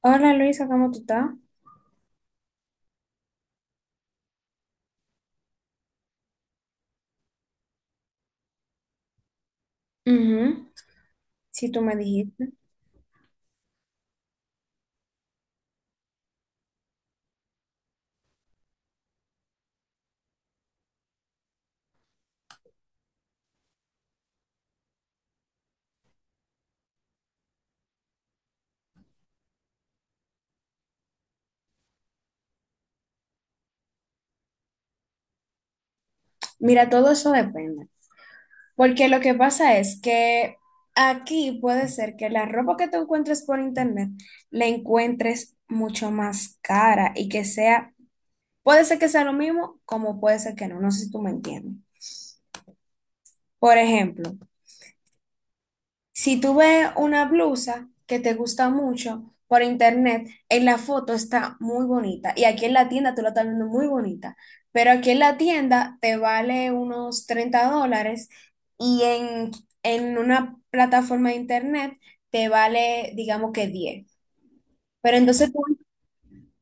Hola Luisa, ¿cómo tú estás? Ujú. Si tú me dijiste. Mira, todo eso depende. Porque lo que pasa es que aquí puede ser que la ropa que tú encuentres por internet la encuentres mucho más cara y que sea, puede ser que sea lo mismo, como puede ser que no. No sé si tú me entiendes. Por ejemplo, si tú ves una blusa que te gusta mucho por internet, en la foto está muy bonita y aquí en la tienda tú la estás viendo muy bonita, pero aquí en la tienda te vale unos $30 y en una plataforma de internet te vale, digamos que 10. Pero entonces tú,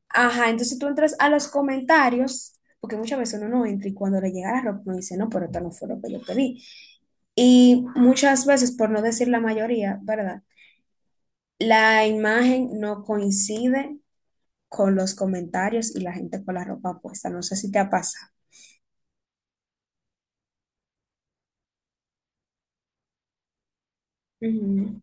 ajá, entonces tú entras a los comentarios, porque muchas veces uno no entra y cuando le llega la ropa uno dice, no, pero esto no fue lo que yo pedí. Y muchas veces, por no decir la mayoría, ¿verdad? La imagen no coincide con los comentarios y la gente con la ropa puesta. No sé si te ha pasado. Ujú.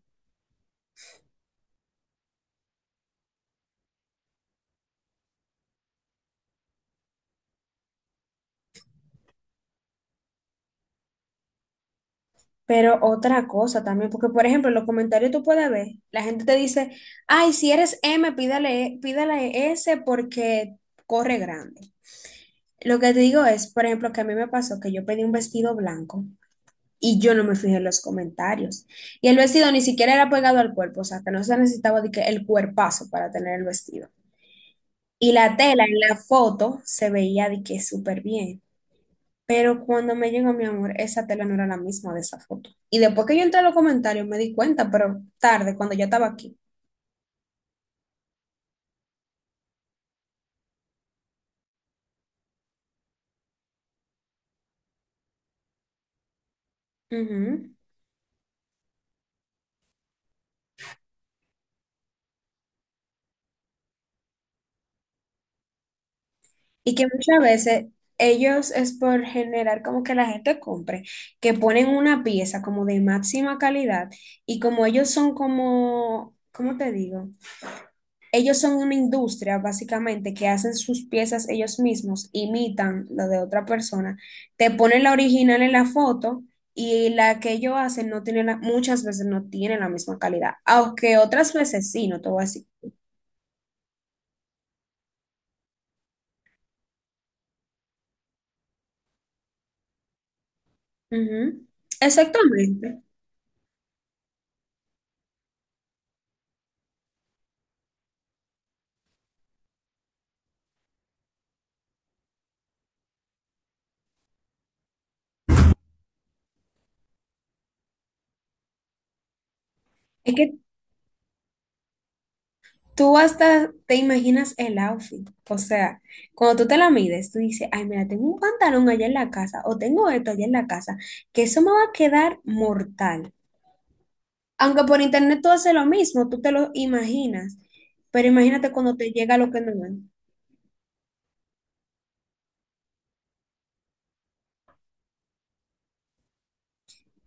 Pero otra cosa también, porque por ejemplo, en los comentarios tú puedes ver, la gente te dice, ay, si eres M, pídale, pídale S porque corre grande. Lo que te digo es, por ejemplo, que a mí me pasó que yo pedí un vestido blanco y yo no me fijé en los comentarios. Y el vestido ni siquiera era pegado al cuerpo, o sea, que no se necesitaba de que el cuerpazo para tener el vestido. Y la tela en la foto se veía de que súper bien. Pero cuando me llegó mi amor, esa tela no era la misma de esa foto. Y después que yo entré a los comentarios me di cuenta, pero tarde, cuando ya estaba aquí. Ujú. Y que muchas veces ellos es por generar como que la gente compre, que ponen una pieza como de máxima calidad y como ellos son como, ¿cómo te digo? Ellos son una industria, básicamente, que hacen sus piezas ellos mismos, imitan lo de otra persona, te ponen la original en la foto y la que ellos hacen no tiene muchas veces no tiene la misma calidad, aunque otras veces sí, no te voy a decir. Ujú. Exactamente. Es que tú hasta te imaginas el outfit. O sea, cuando tú te la mides, tú dices, ay, mira, tengo un pantalón allá en la casa o tengo esto allá en la casa, que eso me va a quedar mortal. Aunque por internet tú haces lo mismo, tú te lo imaginas, pero imagínate cuando te llega lo que no es.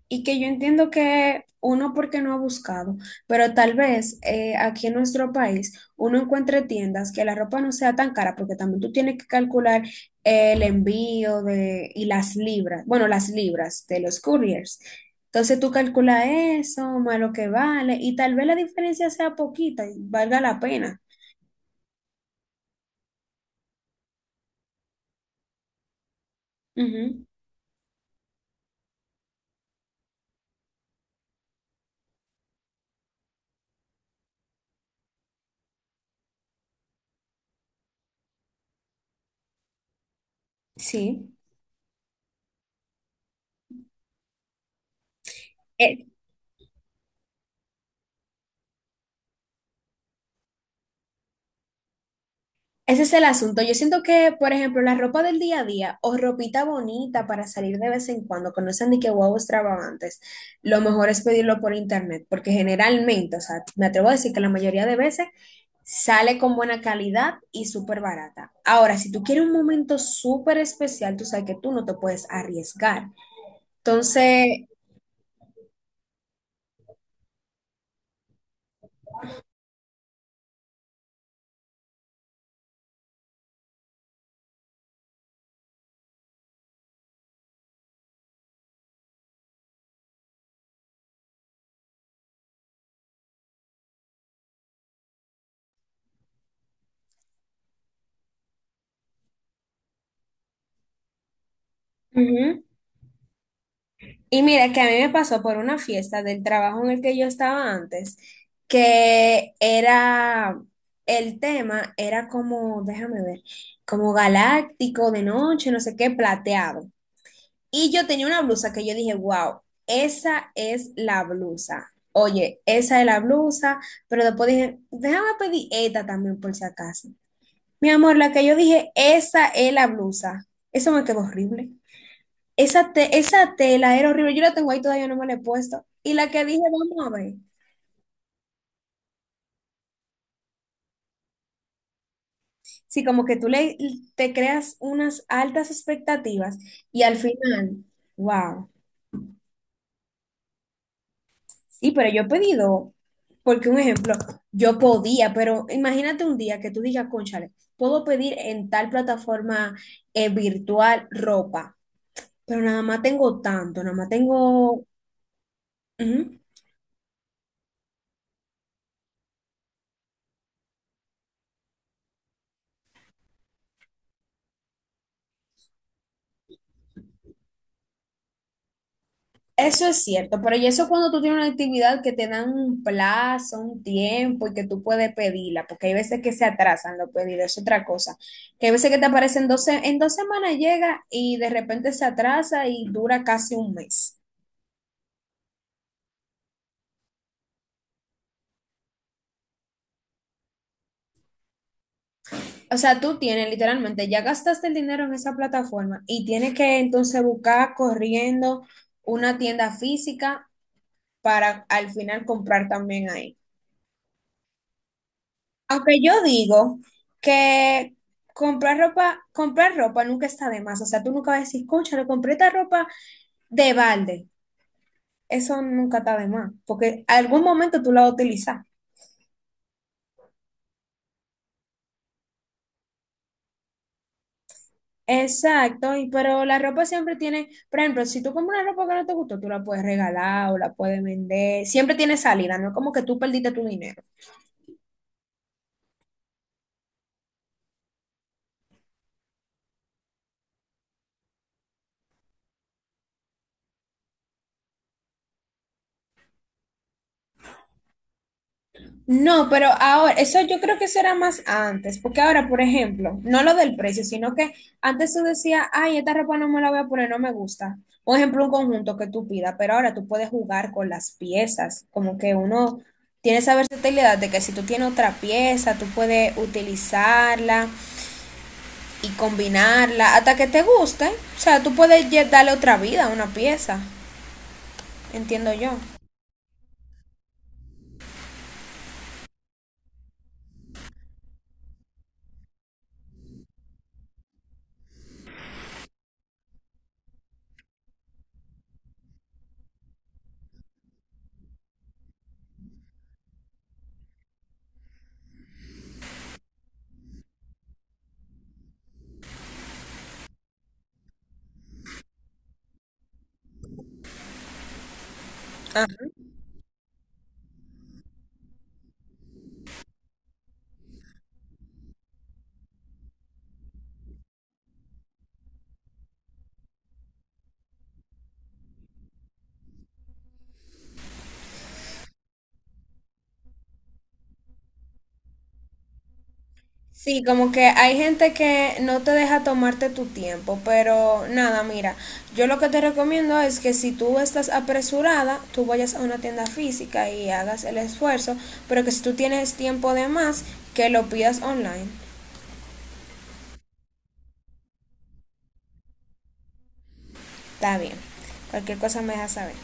Y que yo entiendo que uno porque no ha buscado, pero tal vez aquí en nuestro país uno encuentre tiendas que la ropa no sea tan cara, porque también tú tienes que calcular el envío de, y las libras, bueno, las libras de los couriers. Entonces tú calculas eso, más lo que vale, y tal vez la diferencia sea poquita y valga la pena. Ujú. Sí. Ese es el asunto. Yo siento que, por ejemplo, la ropa del día a día o ropita bonita para salir de vez en cuando, que no sean ni que guau extravagantes, lo mejor es pedirlo por internet, porque generalmente, o sea, me atrevo a decir que la mayoría de veces sale con buena calidad y súper barata. Ahora, si tú quieres un momento súper especial, tú sabes que tú no te puedes arriesgar. Entonces, ujú. Y mira que a mí me pasó por una fiesta del trabajo en el que yo estaba antes, que era, el tema era como, déjame ver, como galáctico de noche, no sé qué, plateado. Y yo tenía una blusa que yo dije, wow, esa es la blusa. Oye, esa es la blusa, pero después dije, déjame pedir esta también por si acaso. Mi amor, la que yo dije, esa es la blusa. Eso me quedó horrible. Esa, esa tela era horrible. Yo la tengo ahí todavía, no me la he puesto. Y la que dije, vamos a ver. Sí, como que tú te creas unas altas expectativas y al final, wow. Sí, pero yo he pedido, porque un ejemplo, yo podía, pero imagínate un día que tú digas, cónchale, puedo pedir en tal plataforma virtual ropa, pero nada más tengo tanto, nada más tengo... Ujú. Eso es cierto, pero y eso cuando tú tienes una actividad que te dan un plazo, un tiempo y que tú puedes pedirla, porque hay veces que se atrasan los pedidos, es otra cosa, que hay veces que te aparecen dos, en 2 semanas llega y de repente se atrasa y dura casi un mes. O sea, tú tienes literalmente, ya gastaste el dinero en esa plataforma y tienes que entonces buscar corriendo una tienda física para al final comprar también ahí. Aunque yo digo que comprar ropa nunca está de más. O sea, tú nunca vas a decir, concha, le compré esta ropa de balde. Eso nunca está de más, porque algún momento tú la vas a utilizar. Exacto, y pero la ropa siempre tiene, por ejemplo, si tú compras una ropa que no te gustó, tú la puedes regalar o la puedes vender. Siempre tiene salida, no es como que tú perdiste tu dinero. No, pero ahora, eso yo creo que eso era más antes, porque ahora, por ejemplo, no lo del precio, sino que antes tú decías, ay, esta ropa no me la voy a poner, no me gusta. Por ejemplo, un conjunto que tú pidas, pero ahora tú puedes jugar con las piezas, como que uno tiene esa versatilidad de que si tú tienes otra pieza, tú puedes utilizarla y combinarla hasta que te guste. O sea, tú puedes ya darle otra vida a una pieza, entiendo yo. Sí, como que hay gente que no te deja tomarte tu tiempo, pero nada, mira, yo lo que te recomiendo es que si tú estás apresurada, tú vayas a una tienda física y hagas el esfuerzo, pero que si tú tienes tiempo de más, que lo pidas online. Está bien. Cualquier cosa me dejas saber.